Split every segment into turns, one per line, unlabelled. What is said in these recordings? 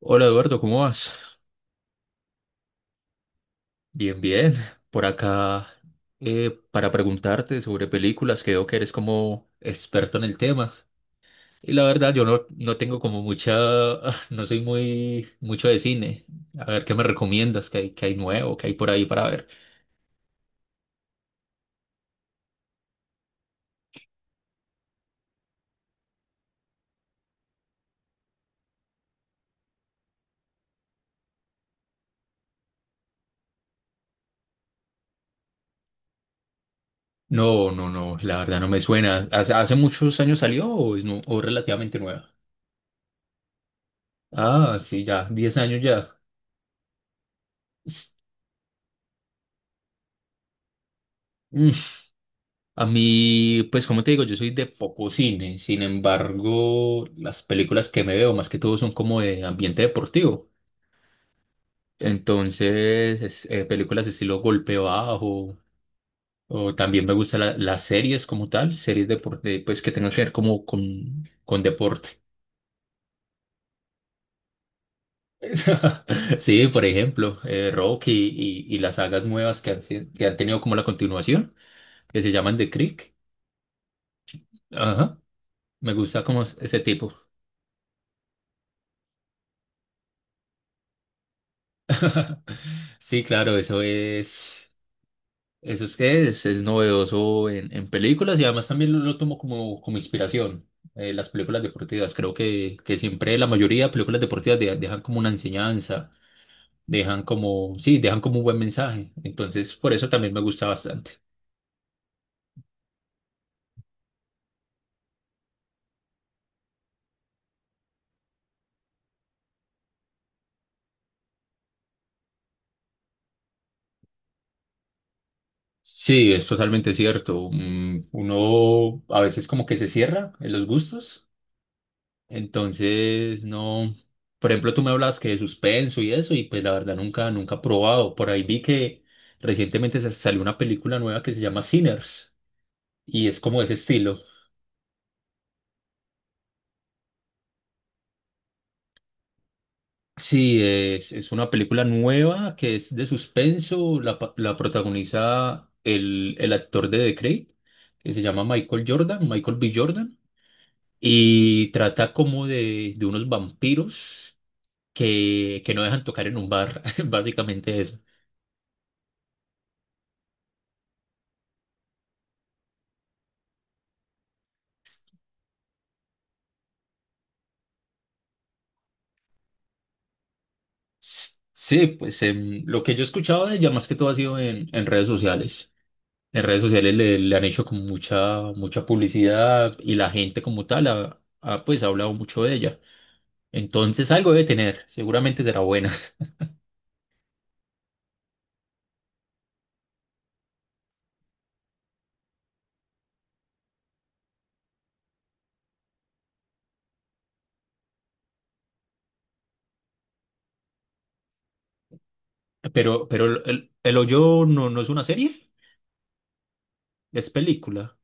Hola Eduardo, ¿cómo vas? Bien, bien. Por acá, para preguntarte sobre películas, que veo que eres como experto en el tema. Y la verdad, yo no, no tengo como mucha, no soy muy mucho de cine. A ver, ¿qué me recomiendas? ¿ qué hay nuevo? ¿Qué hay por ahí para ver? No, no, no, la verdad no me suena. ¿ hace muchos años salió o es nu- o relativamente nueva? Ah, sí, ya, 10 años ya. S- A mí, pues como te digo, yo soy de poco cine, sin embargo, las películas que me veo más que todo son como de ambiente deportivo. Entonces, películas de estilo golpe bajo, o también me gustan las series como tal, series deporte, pues que tengan que ver con deporte. Sí, por ejemplo, Rocky y las sagas nuevas que que han tenido como la continuación, que se llaman The Creek. Ajá, me gusta como ese tipo. Sí, claro, eso es. Eso es que es novedoso en películas y además también lo tomo como, como inspiración. Las películas deportivas, creo que siempre la mayoría de películas deportivas dejan como una enseñanza, dejan como, sí, dejan como un buen mensaje. Entonces, por eso también me gusta bastante. Sí, es totalmente cierto. Uno a veces como que se cierra en los gustos. Entonces, no. Por ejemplo, tú me hablas que de suspenso y eso, y pues la verdad nunca, nunca he probado. Por ahí vi que recientemente salió una película nueva que se llama Sinners, y es como ese estilo. Sí, es una película nueva que es de suspenso, la protagoniza el actor de The Creed, que se llama Michael B. Jordan, y trata como de unos vampiros que no dejan tocar en un bar, básicamente eso. Sí, pues lo que yo he escuchado de ella más que todo ha sido en redes sociales. En redes sociales le han hecho como mucha, mucha publicidad y la gente como tal pues ha hablado mucho de ella. Entonces algo debe tener, seguramente será buena. Pero El Hoyo no, no es una serie, es película.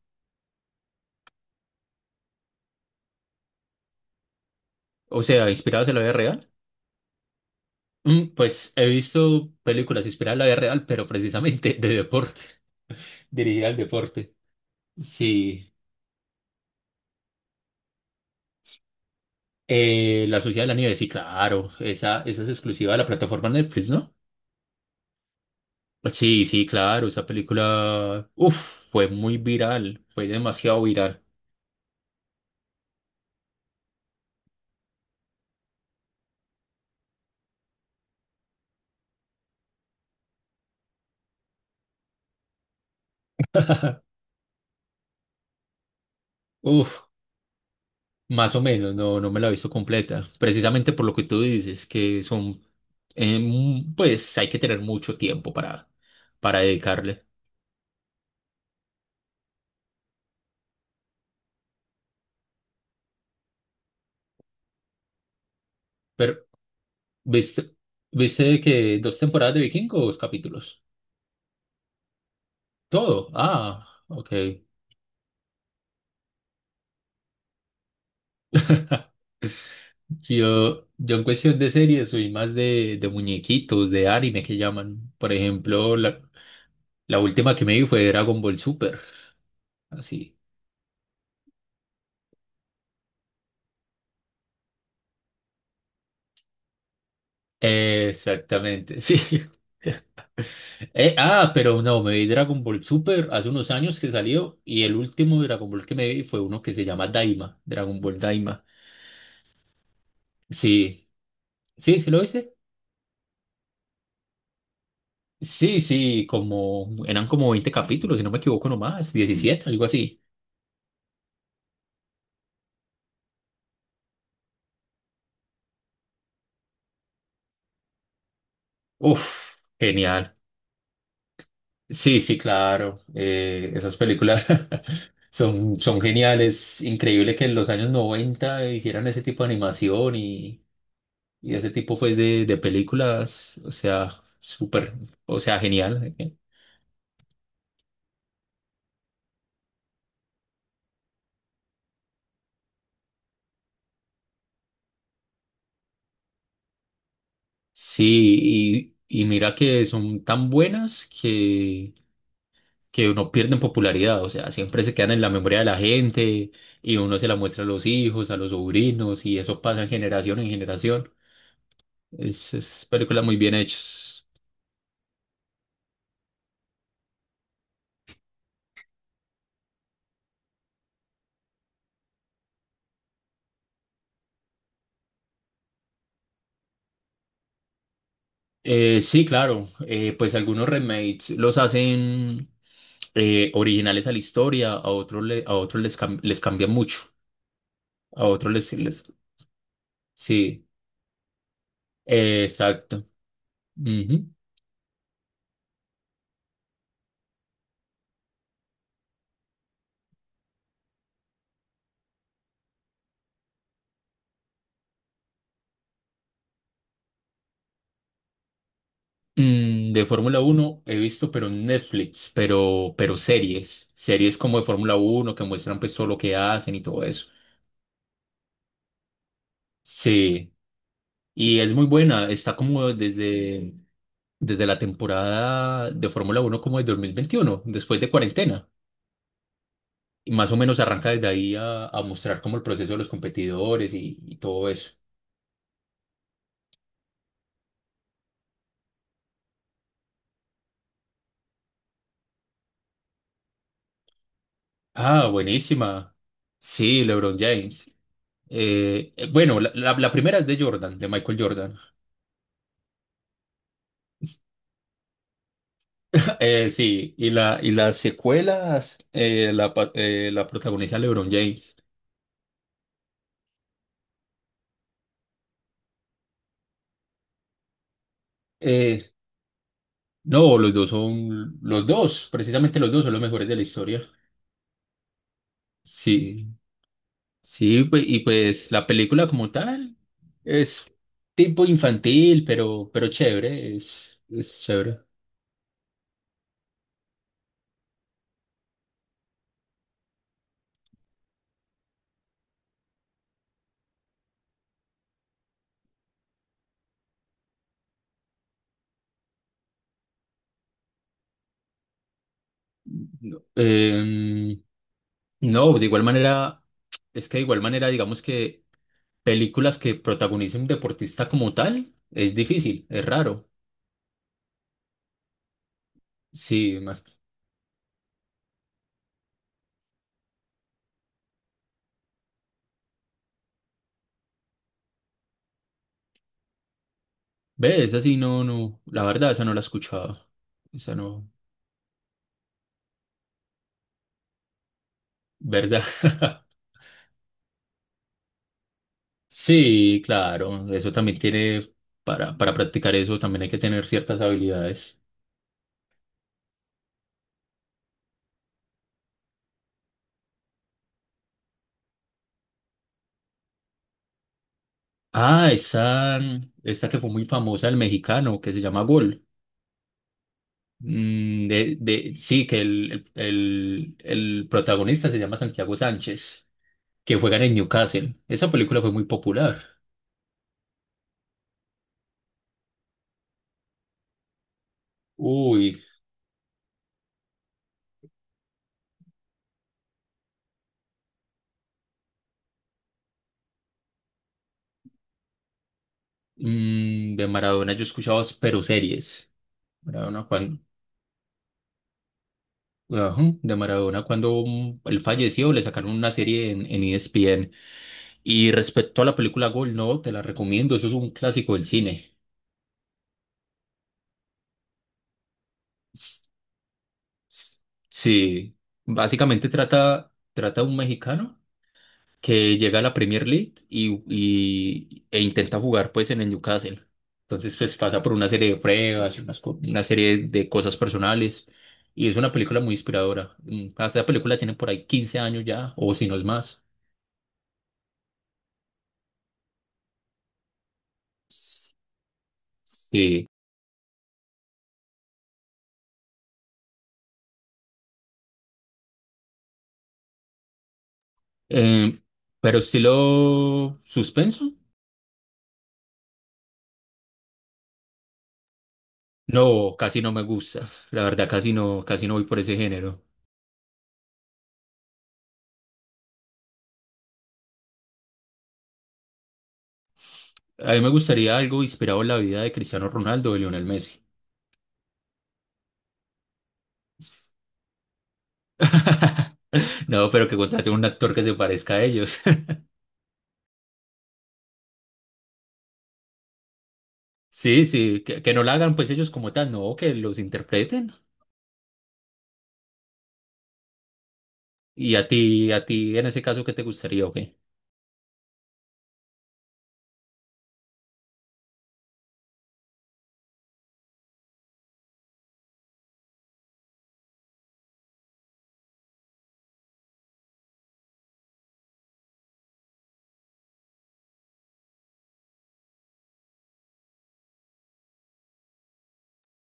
O sea, inspiradas en la vida real. Pues he visto películas inspiradas en la vida real, pero precisamente de deporte, dirigida al deporte. Sí. La Sociedad de la Nieve, sí, claro. Esa es exclusiva de la plataforma Netflix, ¿no? Pues sí, sí, claro. Esa película, uf, fue muy viral. Fue demasiado viral. Uf, más o menos, no, no me la he visto completa. Precisamente por lo que tú dices, que son, pues hay que tener mucho tiempo para dedicarle. Pero, ¿viste, viste que dos temporadas de Vikingos, capítulos? Todo. Ah, ok. Sí, yo en cuestión de series soy más de muñequitos, de anime que llaman. Por ejemplo, la última que me vi fue Dragon Ball Super. Así. Exactamente, sí. Pero no, me vi Dragon Ball Super hace unos años que salió y el último Dragon Ball que me vi fue uno que se llama Daima, Dragon Ball Daima. Sí, sí, ¿sí lo hice? Sí, sí, como eran como 20 capítulos, si no me equivoco nomás, 17 algo así. Uf, genial. Sí, sí, claro. Esas películas son, son geniales. Increíble que en los años 90 hicieran ese tipo de animación y ese tipo pues de películas. O sea, súper, o sea, genial. Sí, y mira que son tan buenas que no pierden popularidad. O sea, siempre se quedan en la memoria de la gente y uno se la muestra a los hijos, a los sobrinos y eso pasa en generación en generación. Es películas muy bien hechas. Sí, claro. Pues algunos remakes los hacen originales a la historia, a otros, les cambia mucho. A otros les... les- Sí, exacto. Ujú. De Fórmula Uno he visto, pero en Netflix, pero series. Series como de Fórmula Uno que muestran pues todo lo que hacen y todo eso. Sí, y es muy buena. Está como desde, desde la temporada de Fórmula Uno como de 2021, después de cuarentena. Y más o menos arranca desde ahí a mostrar como el proceso de los competidores y todo eso. Ah, buenísima. Sí, LeBron James. Bueno, la primera es de Jordan, de Michael Jordan. Sí, y las secuelas la protagoniza LeBron James. Eh, no, los dos son, los dos, precisamente los dos son los mejores de la historia. Sí. Y pues la película como tal es tipo infantil, pero chévere, es chévere. No, no, de igual manera, es que de igual manera, digamos que películas que protagonicen un deportista como tal es difícil, es raro. Sí, más. Ve, esa sí, no, no, la verdad, esa no la he escuchado. Esa no, ¿verdad? Sí, claro, eso también tiene, para practicar eso también hay que tener ciertas habilidades. Ah, esa, esta que fue muy famosa, el mexicano, que se llama Gol. Sí, que el protagonista se llama Santiago Sánchez, que juega en el Newcastle. Esa película fue muy popular. Uy, de Maradona yo he escuchado pero series. Maradona cuando, ajá, de Maradona cuando él falleció le sacaron una serie en ESPN. Y respecto a la película Gol, no, te la recomiendo, eso es un clásico del cine. S- Sí, básicamente trata de un mexicano que llega a la Premier League e intenta jugar pues en el Newcastle. Entonces pues pasa por una serie de pruebas, una serie de cosas personales y es una película muy inspiradora. Esta película tiene por ahí 15 años ya o si no es más. S- Sí. Em, pero estilo suspenso, no, casi no me gusta. La verdad casi no voy por ese género. A mí me gustaría algo inspirado en la vida de Cristiano Ronaldo o Lionel Messi. No, pero que contraten un actor que se parezca a ellos. Sí, sí, que no la hagan pues ellos como tal, no, que los interpreten. Y a ti en ese caso, ¿qué te gustaría o qué?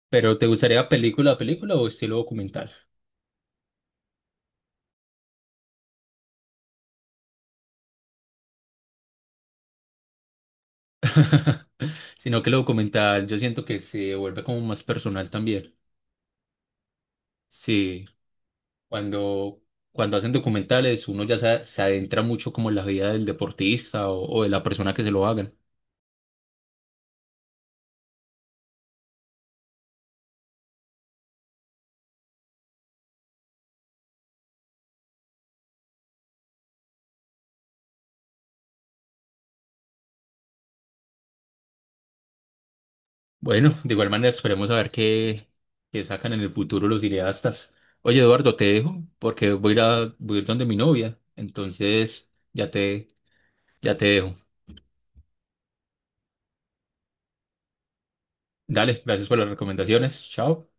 ¿Pero te gustaría película a película o estilo documental? Sino que lo documental yo siento que se vuelve como más personal también. Sí, cuando, cuando hacen documentales uno ya se adentra mucho como en la vida del deportista o de la persona que se lo hagan. Bueno, de igual manera esperemos a ver qué, qué sacan en el futuro los cineastas. Oye, Eduardo, te dejo porque voy a ir a, voy a ir donde mi novia. Entonces, ya te dejo. Dale, gracias por las recomendaciones. Chao.